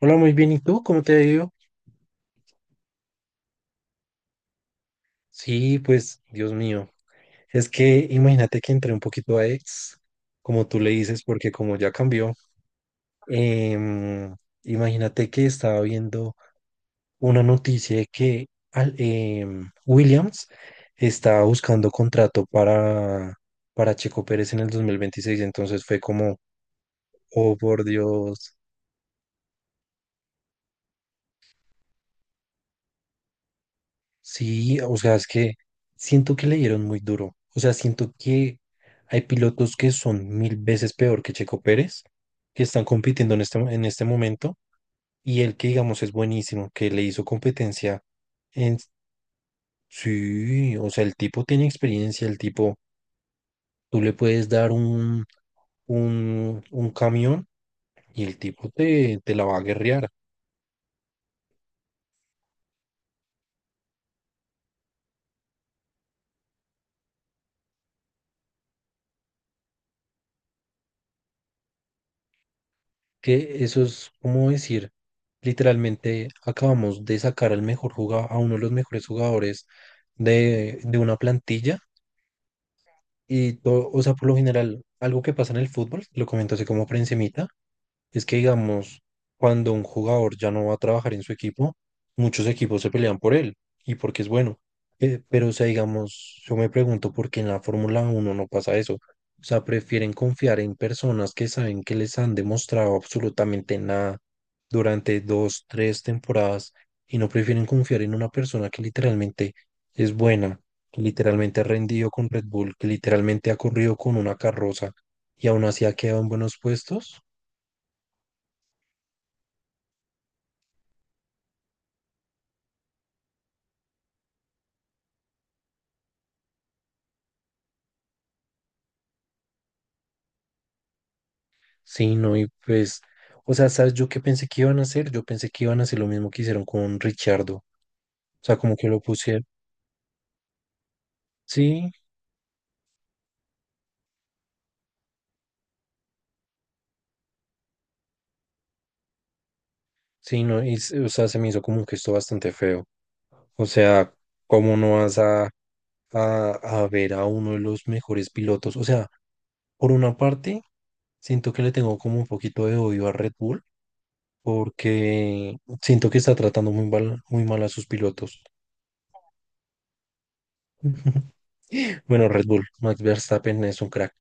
Hola, muy bien. ¿Y tú? ¿Cómo te ha ido? Sí, pues, Dios mío. Es que imagínate que entré un poquito a ex, como tú le dices, porque como ya cambió, em, imagínate que estaba viendo una noticia de que Williams estaba buscando contrato para Checo Pérez en el 2026. Entonces fue como, oh, por Dios. Sí, o sea, es que siento que le dieron muy duro. O sea, siento que hay pilotos que son mil veces peor que Checo Pérez, que están compitiendo en este momento, y el que digamos es buenísimo, que le hizo competencia en. Sí, o sea, el tipo tiene experiencia, el tipo, tú le puedes dar un camión y el tipo te la va a guerrear. Que eso es como decir, literalmente acabamos de sacar al mejor jugador, a uno de los mejores jugadores de una plantilla. Y todo, o sea, por lo general, algo que pasa en el fútbol, lo comento así como por encimita, es que, digamos, cuando un jugador ya no va a trabajar en su equipo, muchos equipos se pelean por él y porque es bueno. Pero, o sea, digamos, yo me pregunto por qué en la Fórmula uno no pasa eso. O sea, prefieren confiar en personas que saben que les han demostrado absolutamente nada durante dos, tres temporadas y no prefieren confiar en una persona que literalmente es buena, que literalmente ha rendido con Red Bull, que literalmente ha corrido con una carroza y aún así ha quedado en buenos puestos. Sí, no, y pues, o sea, ¿sabes yo qué pensé que iban a hacer? Yo pensé que iban a hacer lo mismo que hicieron con Richardo. O sea, como que lo pusieron. Sí, sí, no, y, o sea, se me hizo como un gesto bastante feo. O sea, ¿cómo no vas a ver a uno de los mejores pilotos? O sea, por una parte, siento que le tengo como un poquito de odio a Red Bull, porque siento que está tratando muy mal a sus pilotos. Bueno, Red Bull, Max Verstappen es un crack.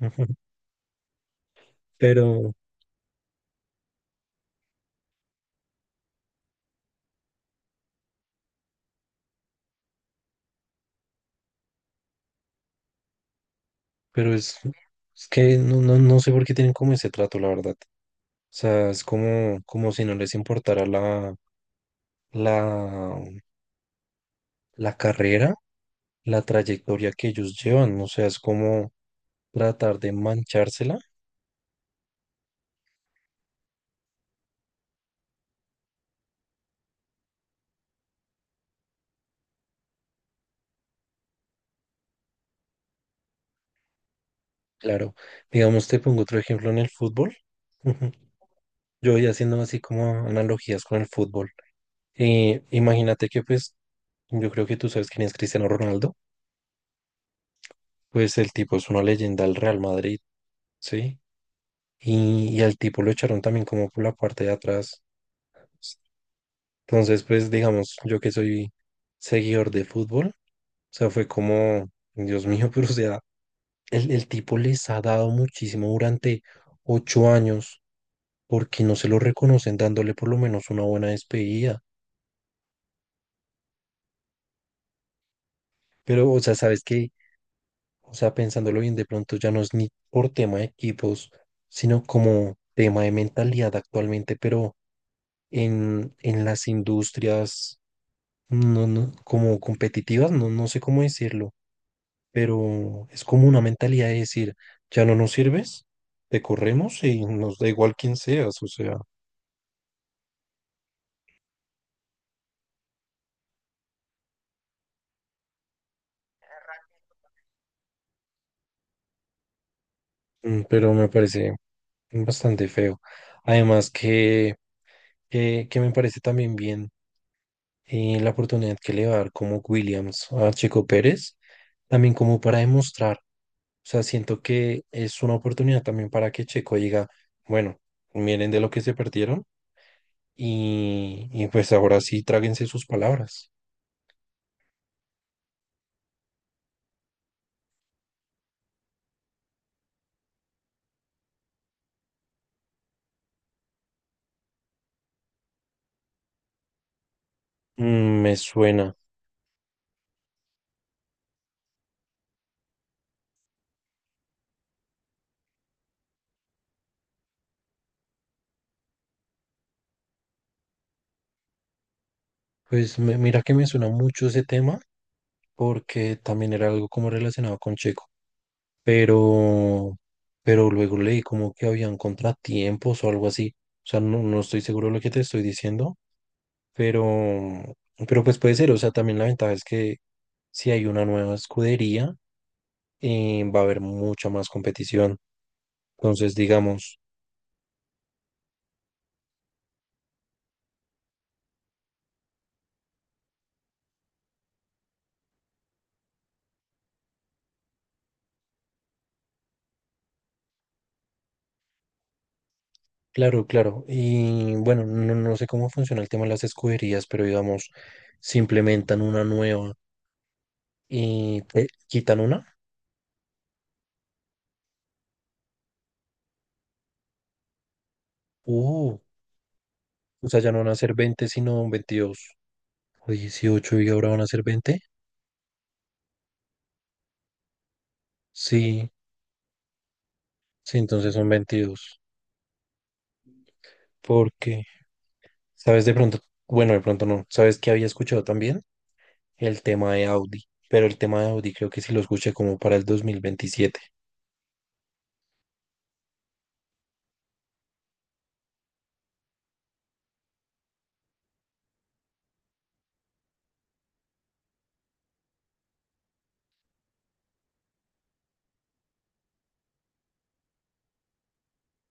Pero. Pero es que no, no, no sé por qué tienen como ese trato, la verdad. O sea, es como si no les importara la, la carrera, la trayectoria que ellos llevan. O sea, es como tratar de manchársela. Claro, digamos, te pongo otro ejemplo en el fútbol. Yo voy haciendo así como analogías con el fútbol. Imagínate que pues, yo creo que tú sabes quién es Cristiano Ronaldo. Pues el tipo es una leyenda del Real Madrid, ¿sí? Y al tipo lo echaron también como por la parte de atrás. Entonces, pues digamos, yo que soy seguidor de fútbol, o sea, fue como, Dios mío, pero o sea, el tipo les ha dado muchísimo durante 8 años, porque no se lo reconocen dándole por lo menos una buena despedida. Pero, o sea, sabes que, o sea, pensándolo bien, de pronto ya no es ni por tema de equipos, sino como tema de mentalidad actualmente, pero en las industrias no, no, como competitivas, no, no sé cómo decirlo, pero es como una mentalidad de decir, ya no nos sirves, te corremos y nos da igual quién seas, o sea, pero me parece bastante feo. Además que me parece también bien, la oportunidad que le va a dar como Williams a Checo Pérez, también como para demostrar, o sea, siento que es una oportunidad también para que Checo diga, bueno, miren de lo que se perdieron. Y pues ahora sí, tráguense sus palabras. Mm, me suena. Pues mira que me suena mucho ese tema porque también era algo como relacionado con Checo. Pero, pero luego leí como que habían contratiempos o algo así. O sea, no, no estoy seguro de lo que te estoy diciendo, pero, pero pues puede ser. O sea, también la ventaja es que si hay una nueva escudería, va a haber mucha más competición. Entonces, digamos. Claro, claro. Y bueno, no, no sé cómo funciona el tema de las escuderías, pero digamos, si implementan una nueva y te quitan una, uh, o sea, ya no van a ser 20, sino 22 o 18 y ahora van a ser 20. Sí, sí, entonces son 22. Porque, ¿sabes de pronto? Bueno, de pronto no. ¿Sabes que había escuchado también? El tema de Audi, pero el tema de Audi creo que sí lo escuché como para el 2027.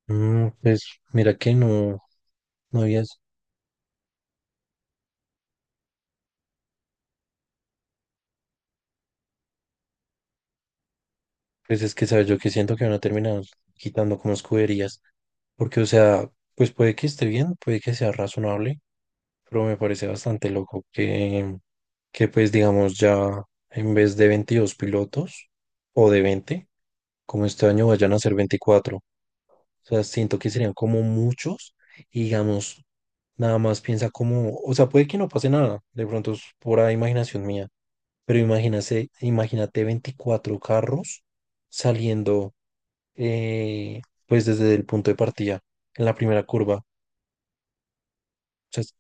Mm, pues mira que no. No había. Pues es que, ¿sabes? Yo que siento que van a terminar quitando como escuderías. Porque, o sea, pues puede que esté bien, puede que sea razonable, pero me parece bastante loco que, pues digamos ya en vez de 22 pilotos o de 20 como este año vayan a ser 24. O sea, siento que serían como muchos y digamos, nada más piensa como, o sea, puede que no pase nada, de pronto es pura imaginación mía, pero imagínate, imagínate 24 carros saliendo, eh, pues desde el punto de partida, en la primera curva. O sea,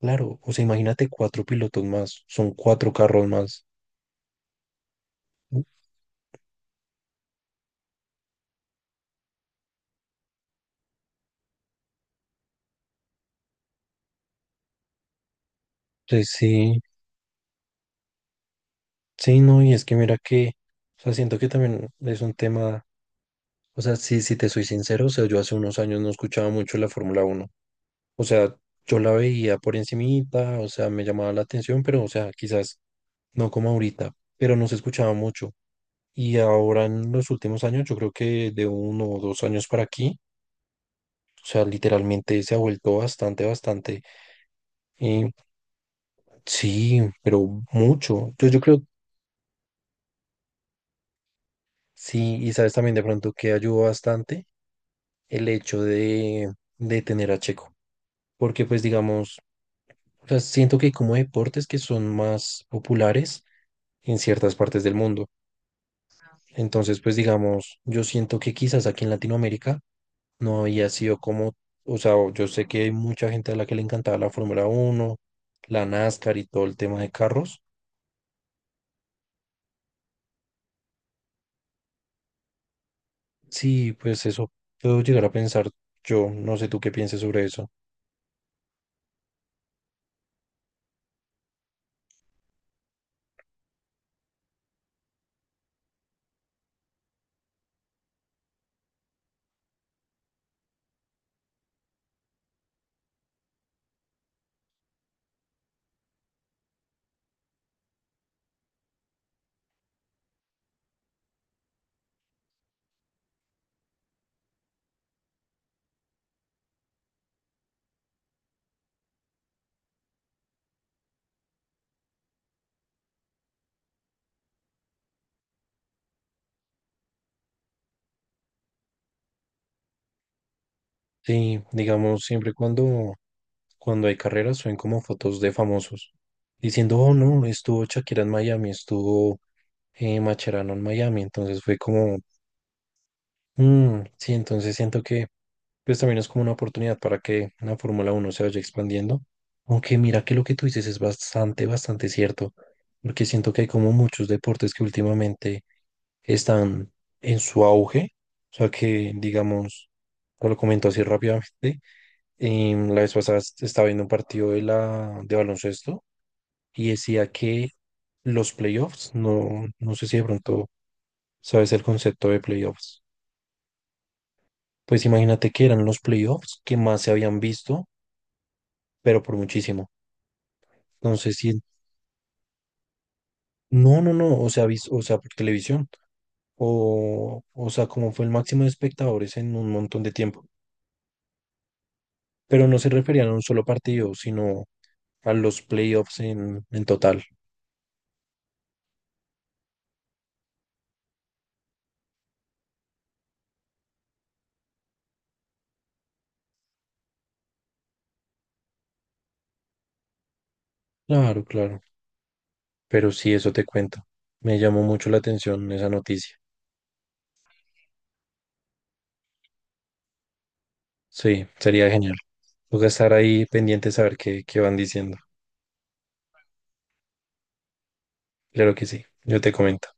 claro, o sea, imagínate cuatro pilotos más, son cuatro carros más. Entonces, sí, sí, no, y es que mira que, o sea, siento que también es un tema, o sea, sí, si te soy sincero, o sea, yo hace unos años no escuchaba mucho la Fórmula Uno, o sea, yo la veía por encimita, o sea, me llamaba la atención, pero, o sea, quizás no como ahorita, pero no se escuchaba mucho. Y ahora en los últimos años, yo creo que de 1 o 2 años para aquí, o sea, literalmente se ha vuelto bastante, bastante. Y sí, pero mucho. Yo creo. Sí, y sabes también de pronto que ayudó bastante el hecho de tener a Checo. Porque pues digamos, o sea, siento que hay como deportes que son más populares en ciertas partes del mundo. Entonces, pues digamos, yo siento que quizás aquí en Latinoamérica no había sido como, o sea, yo sé que hay mucha gente a la que le encantaba la Fórmula Uno, la NASCAR y todo el tema de carros. Sí, pues eso puedo llegar a pensar yo, no sé tú qué pienses sobre eso. Sí, digamos, siempre cuando hay carreras suben como fotos de famosos diciendo, oh no, estuvo Shakira en Miami, estuvo, Macherano en Miami, entonces fue como, mm, sí, entonces siento que pues también es como una oportunidad para que la Fórmula Uno se vaya expandiendo, aunque mira que lo que tú dices es bastante, bastante cierto, porque siento que hay como muchos deportes que últimamente están en su auge. O sea que, digamos, te lo comento así rápidamente. La vez pasada estaba viendo un partido de la de baloncesto y decía que los playoffs, no, no sé si de pronto sabes el concepto de playoffs. Pues imagínate que eran los playoffs que más se habían visto, pero por muchísimo. Entonces, si, no, no, no, o sea, o sea, por televisión. O sea, como fue el máximo de espectadores en un montón de tiempo. Pero no se referían a un solo partido, sino a los playoffs en total. Claro, claro. Pero sí, eso te cuento. Me llamó mucho la atención esa noticia. Sí, sería genial. Voy a estar ahí pendiente a saber qué van diciendo. Claro que sí, yo te comento.